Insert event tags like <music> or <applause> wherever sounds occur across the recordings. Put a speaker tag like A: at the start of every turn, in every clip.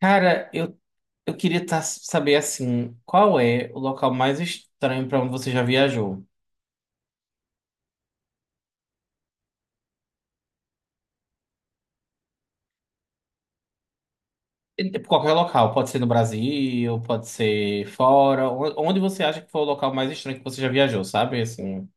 A: Cara, eu queria saber assim, qual é o local mais estranho para onde você já viajou? Qualquer local, pode ser no Brasil, pode ser fora, onde você acha que foi o local mais estranho que você já viajou, sabe? Assim.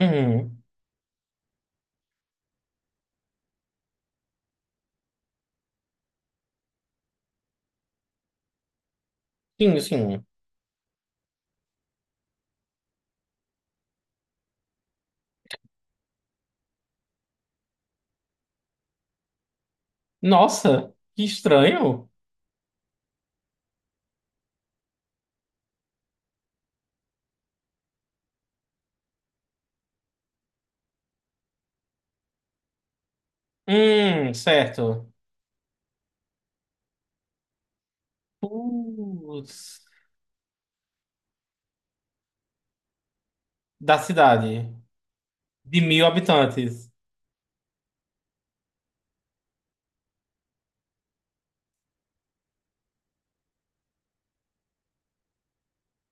A: Uhum. Sim, sim. Nossa, que estranho. Certo. Putz. Da cidade, de 1.000 habitantes.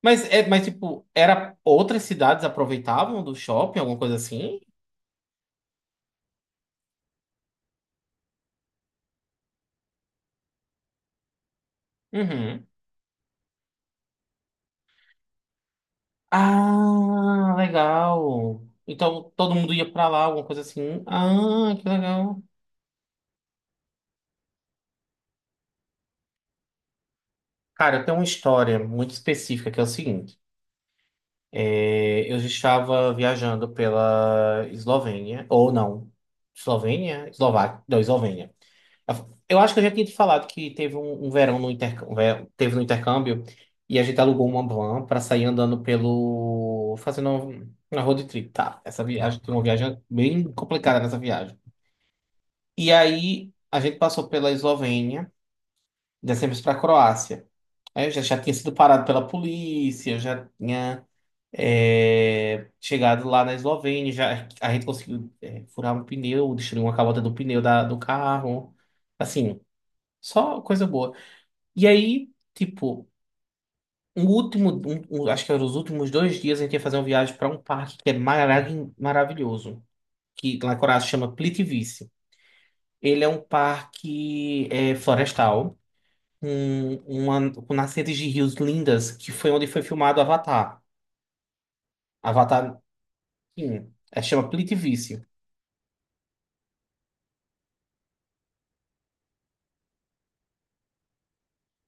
A: Mas é, mas tipo, era outras cidades aproveitavam do shopping, alguma coisa assim? Uhum. Ah, legal. Então todo mundo ia pra lá, alguma coisa assim. Ah, que legal. Cara, eu tenho uma história muito específica que é o seguinte. Eu já estava viajando pela Eslovênia, ou não, Eslovênia? Eslováquia, não, Eslovênia. Eu acho que eu já tinha te falado que teve um verão no intercâmbio, teve no intercâmbio e a gente alugou uma van para sair andando pelo, fazendo uma road trip, tá? Essa viagem, tem uma viagem bem complicada nessa viagem. E aí a gente passou pela Eslovênia, descemos para a Croácia. Aí eu já tinha sido parado pela polícia, eu já tinha chegado lá na Eslovênia, já, a gente conseguiu furar um pneu, destruir uma calota do pneu do carro. Assim, só coisa boa. E aí, tipo, um último, acho que eram os últimos dois dias, a gente ia fazer uma viagem para um parque que é maravilhoso, que lá na Croácia chama Plitvice. Ele é um parque florestal. Com, uma, com nascentes de rios lindas, que foi onde foi filmado Avatar. Avatar, sim, é, chama Plitvice.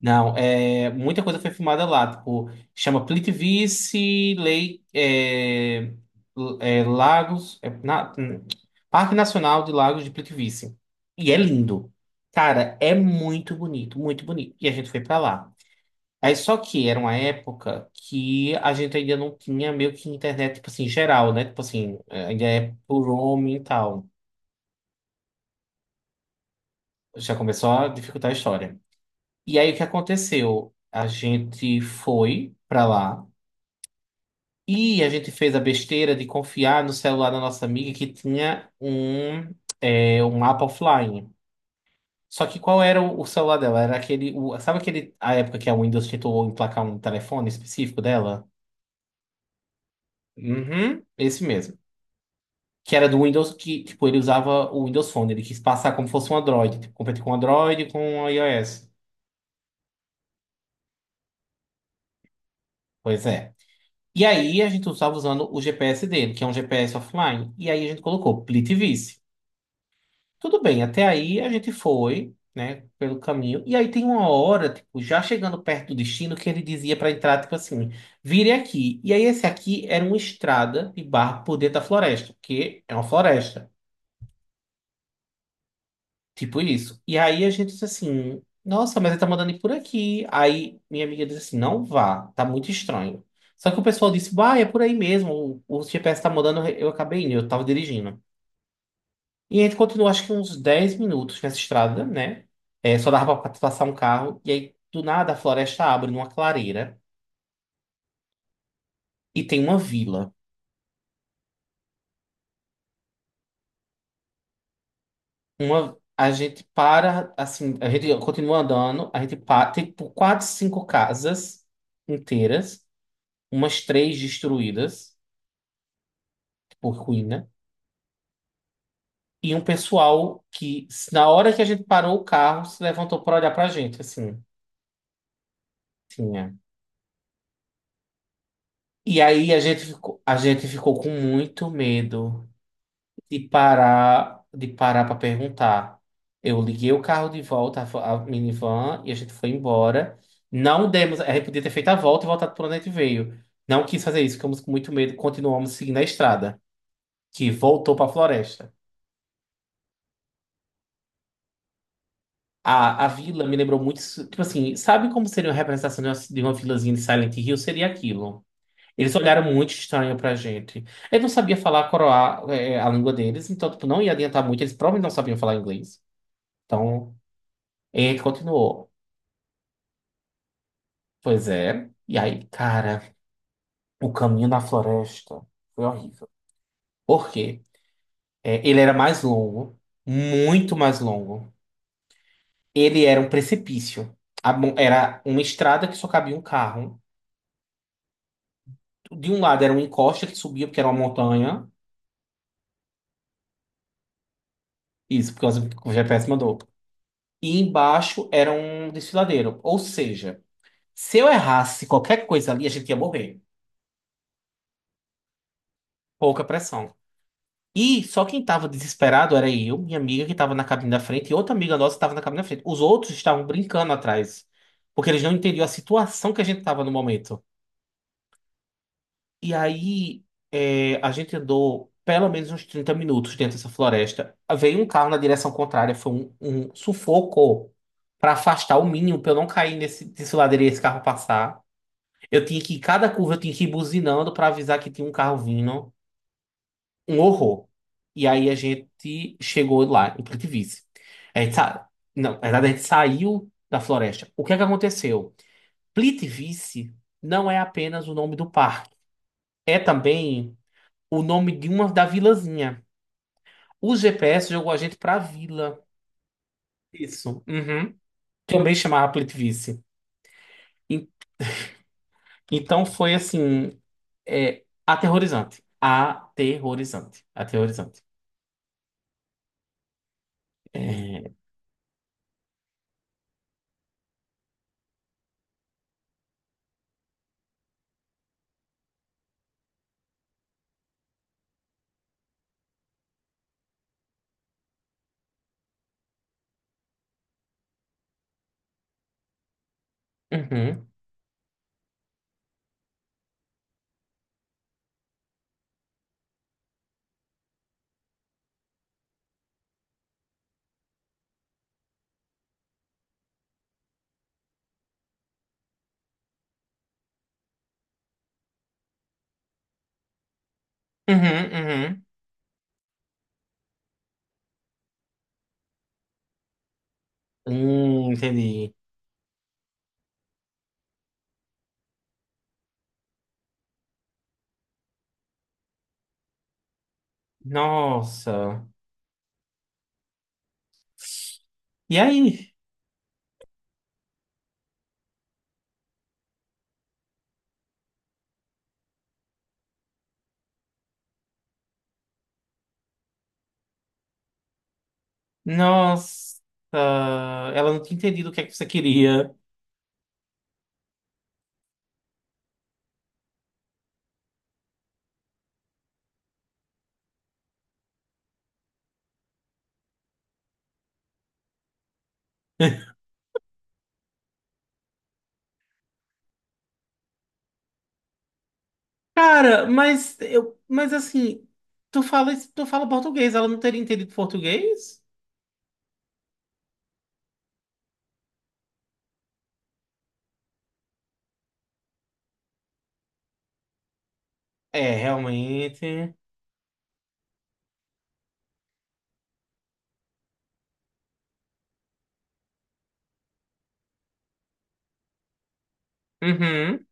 A: Não, é, muita coisa foi filmada lá, tipo, chama Plitvice, Lei, Lagos, Parque Nacional de Lagos de Plitvice. E é lindo. Cara, é muito bonito, muito bonito. E a gente foi pra lá. Aí só que era uma época que a gente ainda não tinha meio que internet, tipo assim, geral, né? Tipo assim, ainda é por roaming e tal. Já começou a dificultar a história. E aí o que aconteceu? A gente foi pra lá e a gente fez a besteira de confiar no celular da nossa amiga que tinha um mapa offline. Só que qual era o celular dela? Era aquele. Sabe aquele, a época que a Windows tentou emplacar um telefone específico dela? Uhum, esse mesmo. Que era do Windows, que, tipo, ele usava o Windows Phone, ele quis passar como fosse um Android, tipo, competir com o Android e com o iOS. Pois é. E aí a gente estava usando o GPS dele, que é um GPS offline, e aí a gente colocou Plitvice. Tudo bem, até aí a gente foi, né, pelo caminho, e aí tem uma hora, tipo, já chegando perto do destino, que ele dizia para entrar, tipo assim, vire aqui. E aí esse aqui era uma estrada de barro por dentro da floresta, porque é uma floresta. Tipo isso. E aí a gente disse assim, nossa, mas ele tá mandando ir por aqui. Aí minha amiga disse assim, não vá, tá muito estranho. Só que o pessoal disse, bah, é por aí mesmo, o GPS tá mandando, eu acabei indo, eu tava dirigindo. E a gente continuou acho que uns 10 minutos nessa estrada, né? É, só dava pra passar um carro. E aí, do nada, a floresta abre numa clareira e tem uma vila. Uma, a gente para, assim, a gente continua andando, a gente para, tem tipo, quatro, cinco casas inteiras. Umas três destruídas, por ruína, e um pessoal que, na hora que a gente parou o carro, se levantou para olhar pra gente, assim, tinha. E aí a gente ficou com muito medo de parar para perguntar. Eu liguei o carro de volta, a a minivan, e a gente foi embora. Não demos, a gente podia ter feito a volta e voltado para onde a gente veio. Não quis fazer isso, ficamos com muito medo, continuamos seguindo a estrada, que voltou para a floresta. A vila me lembrou muito. Tipo assim, sabe como seria uma representação de uma vilazinha de Silent Hill? Seria aquilo. Eles olharam muito estranho pra gente. Eu não sabia falar coroar a língua deles, então tipo, não ia adiantar muito. Eles provavelmente não sabiam falar inglês. Então, ele continuou. Pois é. E aí, cara, o caminho na floresta foi horrível. Por quê? É, ele era mais longo, muito mais longo. Ele era um precipício. Era uma estrada que só cabia um carro. De um lado era uma encosta que subia, porque era uma montanha. Isso, porque o GPS mandou. E embaixo era um desfiladeiro. Ou seja, se eu errasse qualquer coisa ali, a gente ia morrer. Pouca pressão. E só quem estava desesperado era eu, minha amiga que estava na cabine da frente e outra amiga nossa que estava na cabine da frente. Os outros estavam brincando atrás, porque eles não entendiam a situação que a gente estava no momento. E aí, a gente andou pelo menos uns 30 minutos dentro dessa floresta. Veio um carro na direção contrária, foi um sufoco para afastar o mínimo, para eu não cair nesse ladeira e esse carro passar. Eu tinha que, ir, cada curva eu tinha que ir buzinando para avisar que tinha um carro vindo. Um horror. E aí a gente chegou lá, em Plitvice. A gente sa... Não, na verdade a gente saiu da floresta. O que é que aconteceu? Plitvice não é apenas o nome do parque. É também o nome de uma da vilazinha. O GPS jogou a gente pra vila. Isso. Uhum. Também chamava Plitvice. E- Então foi assim, aterrorizante. Aterrorizante. Aterrorizante. É, uhum, uhum, uhum. Entendi. Nossa. E aí? Nossa. Ela não tinha entendido o que é que você queria. <laughs> Cara, mas eu, mas assim, tu fala português, ela não teria entendido português? É, realmente. Uhum.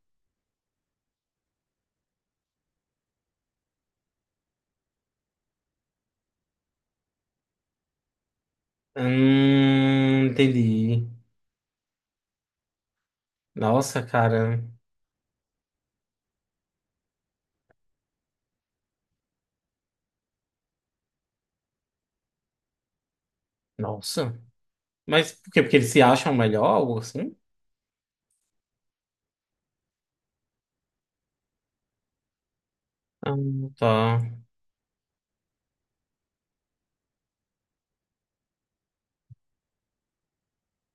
A: Entendi. Nossa, cara. Nossa. Mas por quê? Porque eles se acham melhor, algo assim? Ah, tá.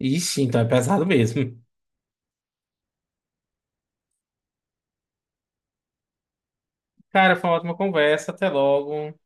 A: Ixi, então é pesado mesmo. Cara, foi uma ótima conversa. Até logo.